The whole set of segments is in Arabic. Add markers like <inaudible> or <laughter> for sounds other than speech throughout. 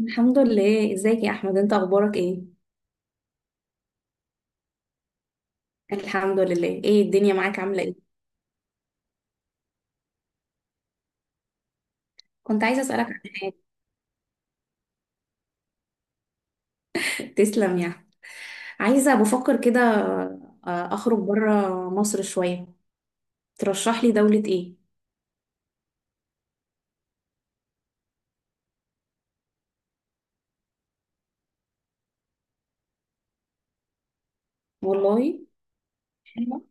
الحمد لله. ازيك يا احمد؟ انت اخبارك ايه؟ الحمد لله. ايه الدنيا معاك؟ عامله ايه؟ كنت عايزه اسالك عن حاجه. تسلم يعني. عايزه، بفكر كده. اخرج بره مصر شويه. ترشح لي دوله ايه؟ والله. حلوة.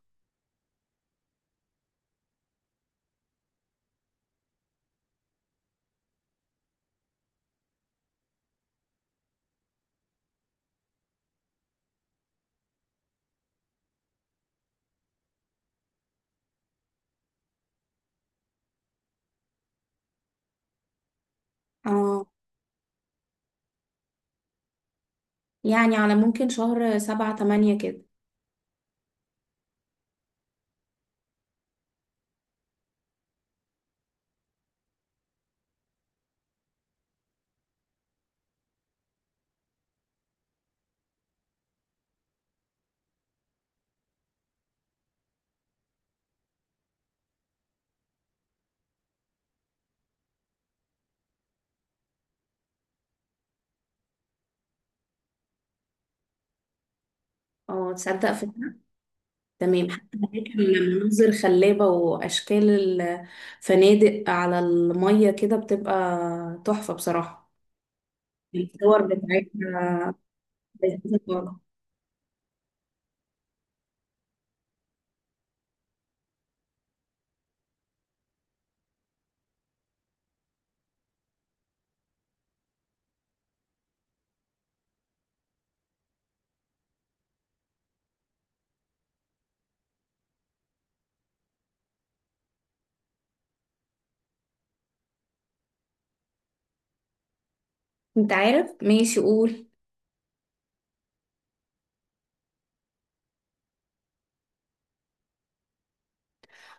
اه، يعني على ممكن شهر 7 8 كده. اه، تصدق فكرة. تمام، حتى هناك المناظر خلابة، وأشكال الفنادق على المية كده بتبقى تحفة بصراحة. الصور بتاعتها لذيذة. انت عارف، ماشي قول.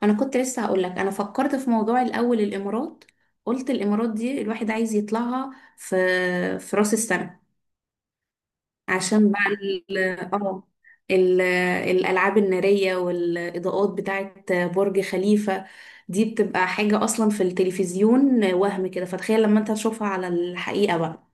انا كنت لسه هقول لك، انا فكرت في موضوع، الاول الامارات. قلت الامارات دي الواحد عايز يطلعها في في راس السنه. عشان بقى اه ال- الالعاب الناريه والاضاءات بتاعه برج خليفه. دي بتبقى حاجه اصلا في التلفزيون وهم كده، فتخيل لما انت تشوفها على الحقيقه بقى.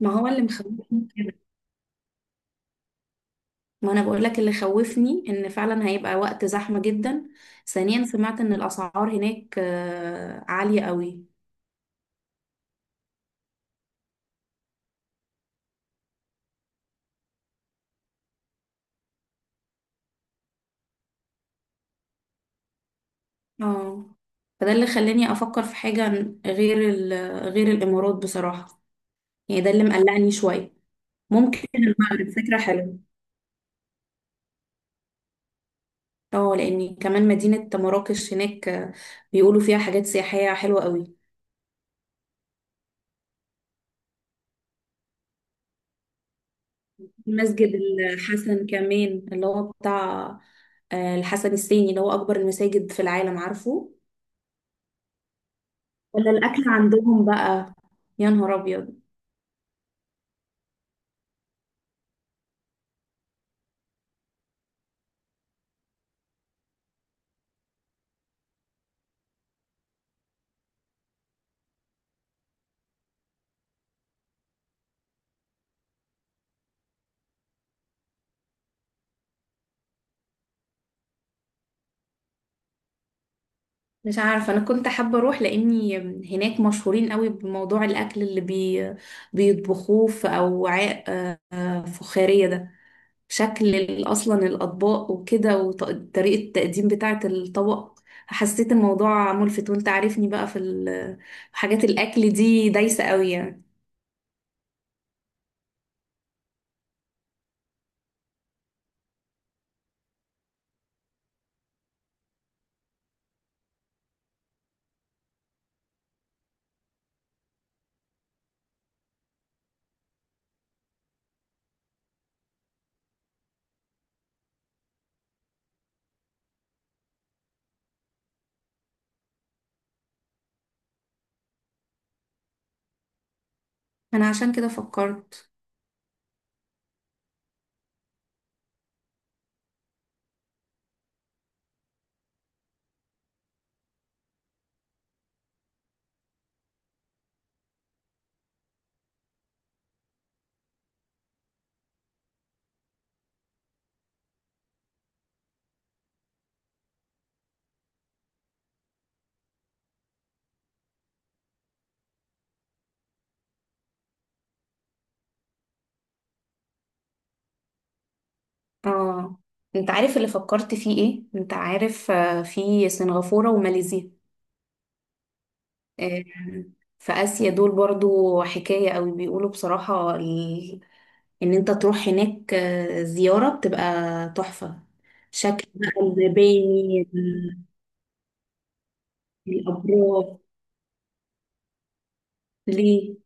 ما هو اللي مخوفني، ما انا بقول لك اللي خوفني ان فعلا هيبقى وقت زحمة جدا. ثانيا، سمعت ان الاسعار هناك عالية قوي. اه، فده اللي خلاني افكر في حاجة غير ال- غير الامارات بصراحة. يعني ده اللي مقلقني شوية. ممكن المغرب فكرة حلوة. اه، لان كمان مدينة مراكش هناك، بيقولوا فيها حاجات سياحية حلوة قوي. مسجد الحسن كمان اللي هو بتاع الحسن الثاني، اللي هو اكبر المساجد في العالم، عارفه؟ ولا الاكل عندهم بقى، يا نهار ابيض. مش عارفه، انا كنت حابه اروح لاني هناك مشهورين قوي بموضوع الاكل اللي بيطبخوه في اوعاء فخاريه ده. شكل اصلا الاطباق وكده، وطريقه التقديم بتاعه الطبق، حسيت الموضوع ملفت، وانت عارفني بقى في حاجات الاكل دي دايسه قوي يعني. انا عشان كده فكرت. اه، انت عارف اللي فكرت فيه ايه؟ انت عارف في سنغافوره وماليزيا، آه، في آسيا دول برضو حكاية قوي، بيقولوا بصراحة، إن أنت تروح هناك زيارة بتبقى تحفة. شكل بقى المباني، الأبراج. ليه؟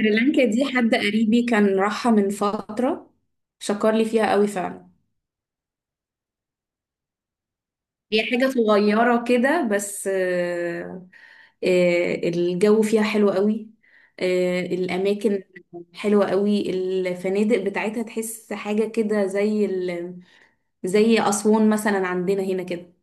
سريلانكا دي حد قريبي كان راحها من فترة، شكر لي فيها قوي فعلا. هي حاجة صغيرة كده، بس الجو فيها حلو قوي. الأماكن حلوة قوي، الفنادق بتاعتها تحس حاجة كده زي أسوان مثلا عندنا هنا كده.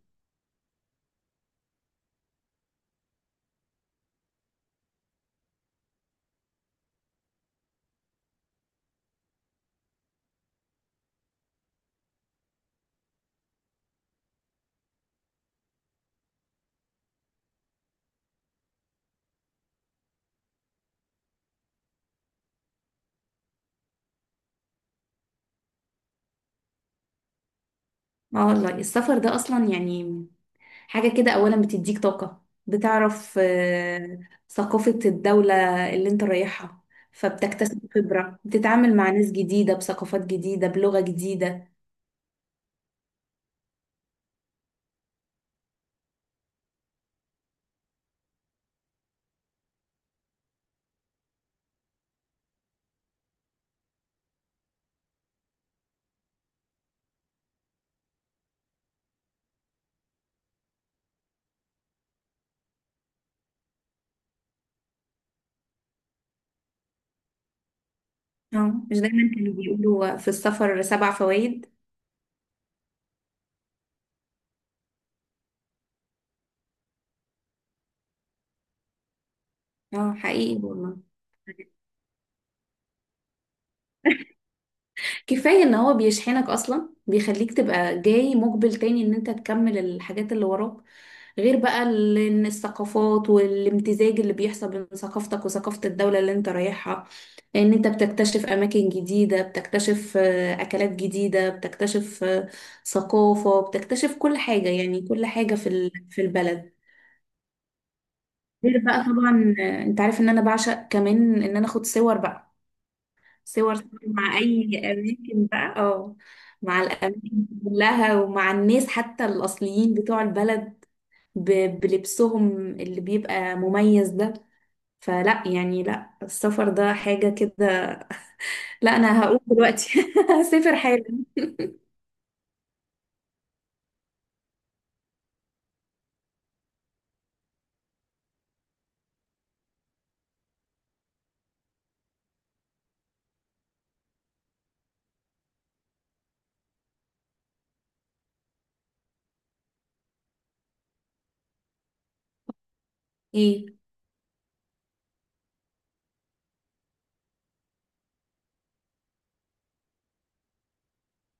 اه، والله السفر ده أصلا يعني حاجة كده، أولا بتديك طاقة، بتعرف ثقافة الدولة اللي انت رايحها. فبتكتسب خبرة، بتتعامل مع ناس جديدة، بثقافات جديدة، بلغة جديدة. اه، مش دايما كانوا بيقولوا في السفر سبع فوائد؟ اه، حقيقي والله. كفاية ان هو بيشحنك اصلا، بيخليك تبقى جاي مقبل تاني، ان انت تكمل الحاجات اللي وراك. غير بقى ان الثقافات والامتزاج اللي بيحصل بين ثقافتك وثقافة الدولة اللي انت رايحها، ان انت بتكتشف اماكن جديدة، بتكتشف اكلات جديدة، بتكتشف ثقافة، بتكتشف كل حاجة، يعني كل حاجة في البلد. غير بقى طبعا انت عارف ان انا بعشق كمان ان انا اخد صور بقى. صور مع اي اماكن بقى، اه. مع الاماكن كلها، ومع الناس حتى الاصليين بتوع البلد، بلبسهم اللي بيبقى مميز ده. فلا يعني، لا السفر ده حاجة كده. لا انا هقوم دلوقتي <laughs> هسافر حالا. ايه؟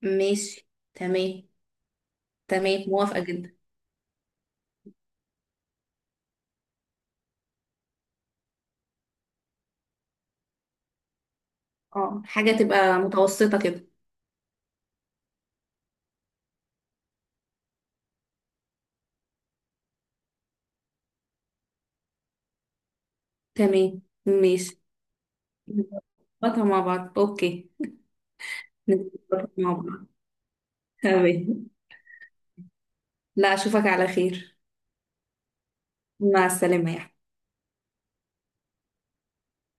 ماشي. تمام، تمام، موافقة جدا. اه، حاجة تبقى متوسطة كده. تمام، ماشي. نظبطها مع بعض، اوكي. نظبطها مع بعض. تمام. لا، اشوفك على خير. مع السلامة، يا